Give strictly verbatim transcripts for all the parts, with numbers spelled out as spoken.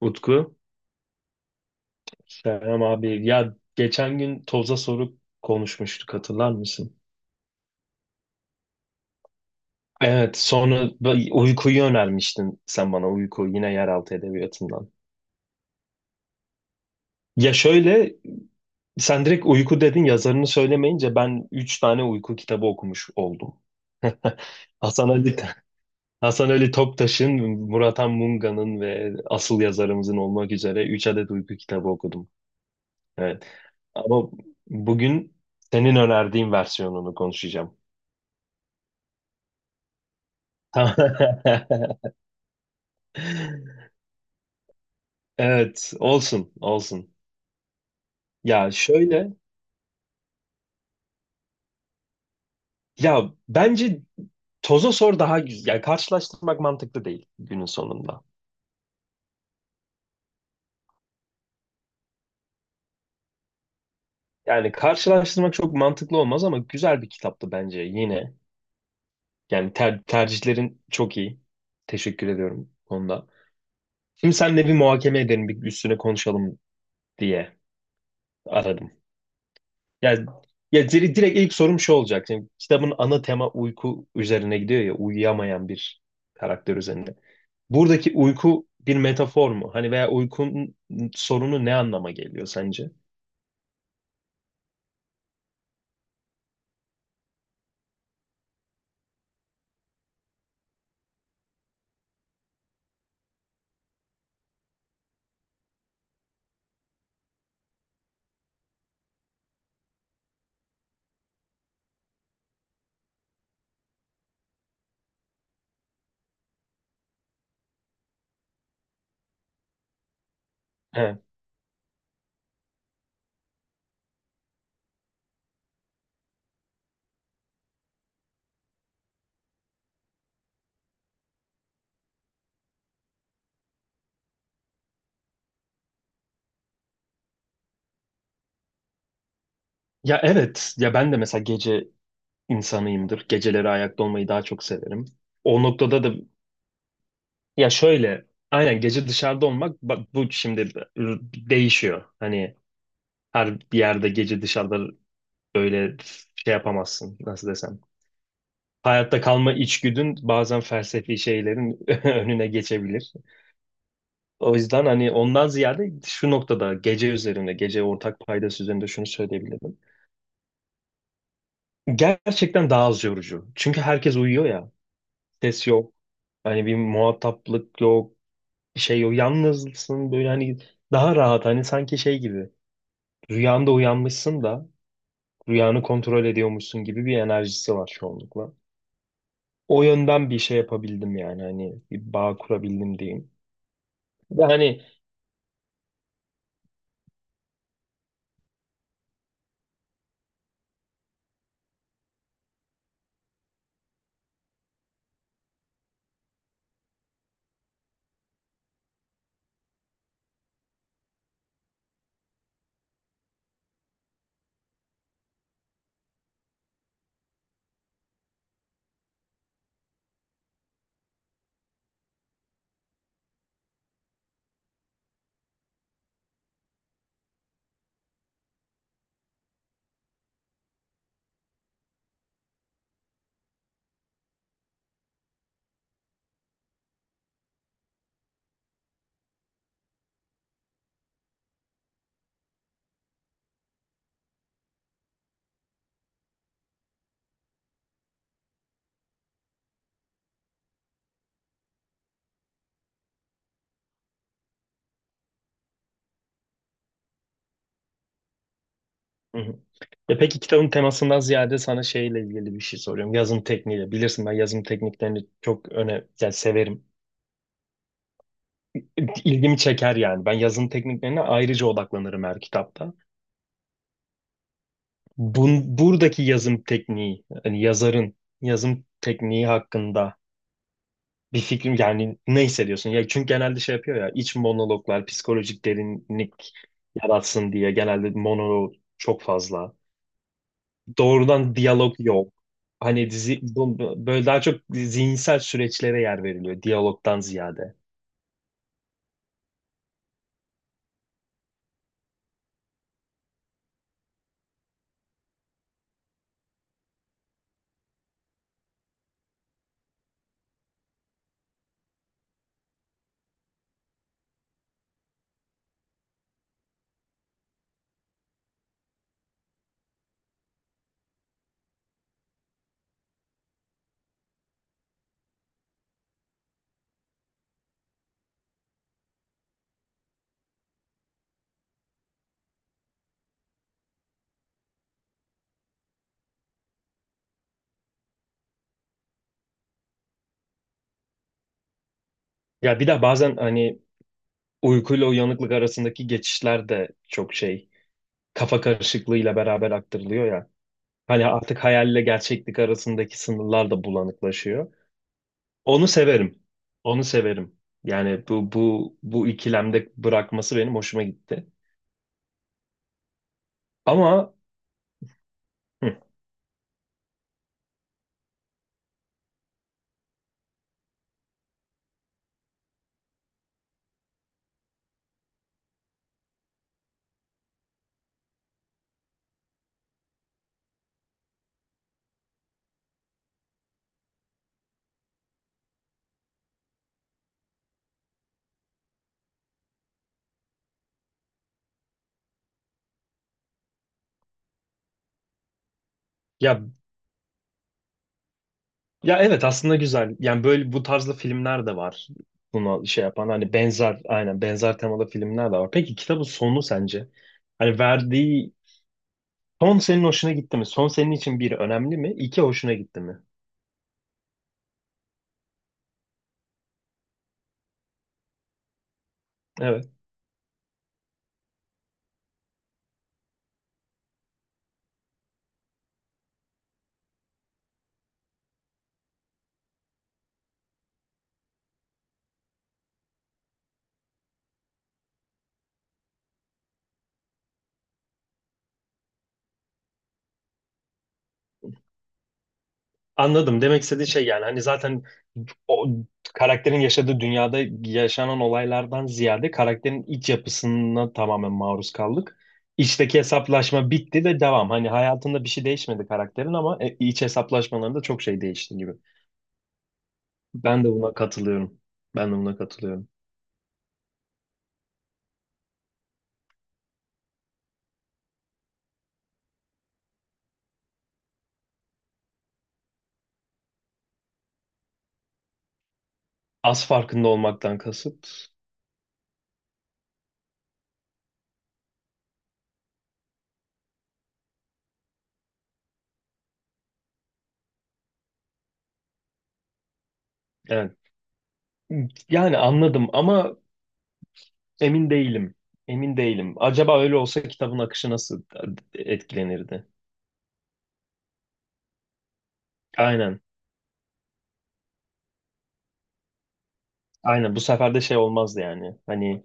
Utku. Selam abi. Ya geçen gün toza soru konuşmuştuk, hatırlar mısın? Evet, sonra b- uykuyu önermiştin sen bana, uyku, yine yeraltı edebiyatından. Ya şöyle, sen direkt uyku dedin, yazarını söylemeyince ben üç tane uyku kitabı okumuş oldum. Hasan Ali, Hasan Ali Toptaş'ın, Murat Munga'nın ve asıl yazarımızın olmak üzere üç adet uyku kitabı okudum. Evet. Ama bugün senin önerdiğin versiyonunu konuşacağım. Tamam. Evet, olsun, olsun. Ya şöyle, ya bence toza sor daha güzel. Yani karşılaştırmak mantıklı değil günün sonunda. Yani karşılaştırmak çok mantıklı olmaz ama güzel bir kitaptı bence yine. Yani ter- tercihlerin çok iyi. Teşekkür ediyorum bu konuda. Şimdi senle bir muhakeme edelim, bir üstüne konuşalım diye aradım. Yani ya dire- direkt ilk sorum şu olacak. Şimdi kitabın ana tema uyku üzerine gidiyor ya, uyuyamayan bir karakter üzerinde. Buradaki uyku bir metafor mu? Hani veya uykunun sorunu ne anlama geliyor sence? He. Ya evet, ya ben de mesela gece insanıyımdır. Geceleri ayakta olmayı daha çok severim. O noktada da ya şöyle, aynen gece dışarıda olmak, bak, bu şimdi değişiyor. Hani her bir yerde gece dışarıda böyle şey yapamazsın, nasıl desem. Hayatta kalma içgüdün bazen felsefi şeylerin önüne geçebilir. O yüzden hani ondan ziyade şu noktada gece üzerinde, gece ortak paydası üzerinde şunu söyleyebilirim. Gerçekten daha az yorucu. Çünkü herkes uyuyor ya. Ses yok. Hani bir muhataplık yok. Bir şey yok. Yalnızsın, böyle hani daha rahat. Hani sanki şey gibi. Rüyanda uyanmışsın da rüyanı kontrol ediyormuşsun gibi bir enerjisi var çoğunlukla. O yönden bir şey yapabildim, yani hani bir bağ kurabildim diyeyim. Ve hani Hı hı. Ya peki, kitabın temasından ziyade sana şeyle ilgili bir şey soruyorum. Yazım tekniğiyle. Bilirsin ben yazım tekniklerini çok öne, yani severim. İlgimi çeker yani. Ben yazım tekniklerine ayrıca odaklanırım her kitapta. Bun, buradaki yazım tekniği, hani yazarın yazım tekniği hakkında bir fikrim, yani ne hissediyorsun? Ya çünkü genelde şey yapıyor ya, iç monologlar, psikolojik derinlik yaratsın diye genelde monolog çok fazla, doğrudan diyalog yok. Hani dizi bu, bu- böyle daha çok zihinsel süreçlere yer veriliyor diyalogdan ziyade. Ya bir de bazen hani uykuyla uyanıklık arasındaki geçişler de çok şey, kafa karışıklığıyla beraber aktarılıyor ya. Hani artık hayalle gerçeklik arasındaki sınırlar da bulanıklaşıyor. Onu severim. Onu severim. Yani bu bu bu ikilemde bırakması benim hoşuma gitti. Ama hı, ya ya evet, aslında güzel. Yani böyle bu tarzda filmler de var. Buna şey yapan hani benzer, aynen benzer temalı filmler de var. Peki kitabın sonu sence? Hani verdiği son senin hoşuna gitti mi? Son senin için bir önemli mi? İki, hoşuna gitti mi? Evet. Anladım. Demek istediğin şey, yani hani zaten o karakterin yaşadığı dünyada yaşanan olaylardan ziyade karakterin iç yapısına tamamen maruz kaldık. İçteki hesaplaşma bitti ve devam. Hani hayatında bir şey değişmedi karakterin ama e, iç hesaplaşmalarında çok şey değişti gibi. Ben de buna katılıyorum. Ben de buna katılıyorum. Az farkında olmaktan kasıt. Evet. Yani anladım ama emin değilim. Emin değilim. Acaba öyle olsa kitabın akışı nasıl e, etkilenirdi? Aynen. Aynen bu sefer de şey olmazdı yani. Hani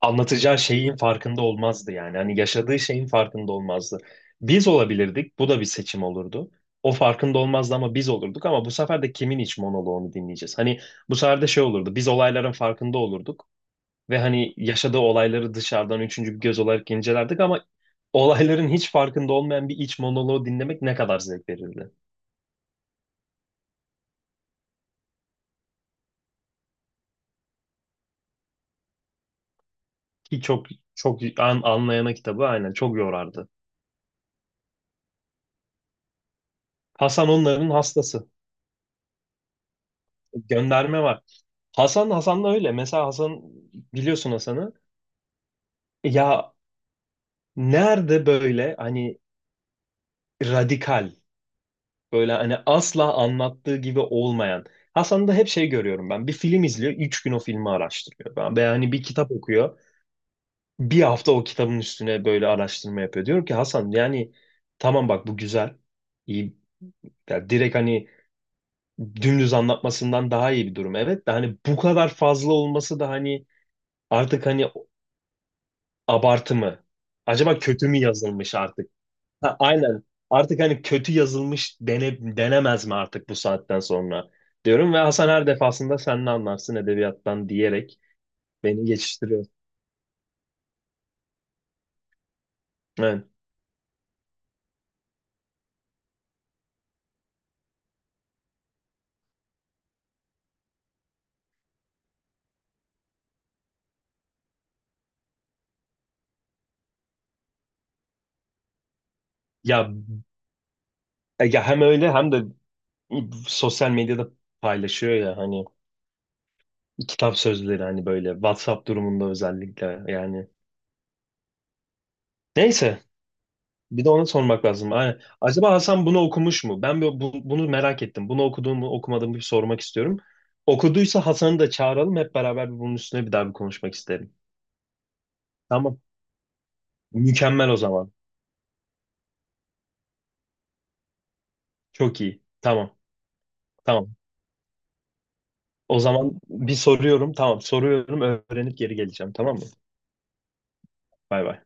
anlatacağı şeyin farkında olmazdı yani. Hani yaşadığı şeyin farkında olmazdı. Biz olabilirdik. Bu da bir seçim olurdu. O farkında olmazdı ama biz olurduk, ama bu sefer de kimin iç monoloğunu dinleyeceğiz? Hani bu sefer de şey olurdu. Biz olayların farkında olurduk ve hani yaşadığı olayları dışarıdan üçüncü bir göz olarak incelerdik ama olayların hiç farkında olmayan bir iç monoloğu dinlemek ne kadar zevk verirdi. Ki çok çok an, anlayana kitabı aynen çok yorardı. Hasan onların hastası. Gönderme var. Hasan Hasan da öyle. Mesela Hasan, biliyorsun Hasan'ı. Ya nerede, böyle hani radikal, böyle hani asla anlattığı gibi olmayan. Hasan'da hep şey görüyorum ben. Bir film izliyor. Üç gün o filmi araştırıyor. Ben, veya hani bir kitap okuyor. Bir hafta o kitabın üstüne böyle araştırma yapıyor. Diyorum ki Hasan, yani tamam bak bu güzel, iyi, ya direkt hani dümdüz anlatmasından daha iyi bir durum. Evet, de hani bu kadar fazla olması da hani artık hani abartı mı? Acaba kötü mü yazılmış artık? Ha, aynen. Artık hani kötü yazılmış dene, denemez mi artık bu saatten sonra? Diyorum ve Hasan her defasında sen ne anlarsın edebiyattan diyerek beni geçiştiriyor. Evet. Ya, ya hem öyle hem de sosyal medyada paylaşıyor ya, hani kitap sözleri, hani böyle WhatsApp durumunda özellikle yani. Neyse, bir de onu sormak lazım. Aynen. Acaba Hasan bunu okumuş mu? Ben bu- bu- bunu merak ettim. Bunu okuduğumu okumadığımı bir sormak istiyorum. Okuduysa Hasan'ı da çağıralım. Hep beraber bir bunun üstüne bir daha bir konuşmak isterim. Tamam. Mükemmel o zaman. Çok iyi. Tamam. Tamam. O zaman bir soruyorum. Tamam. Soruyorum. Öğrenip geri geleceğim. Tamam mı? Bay bay.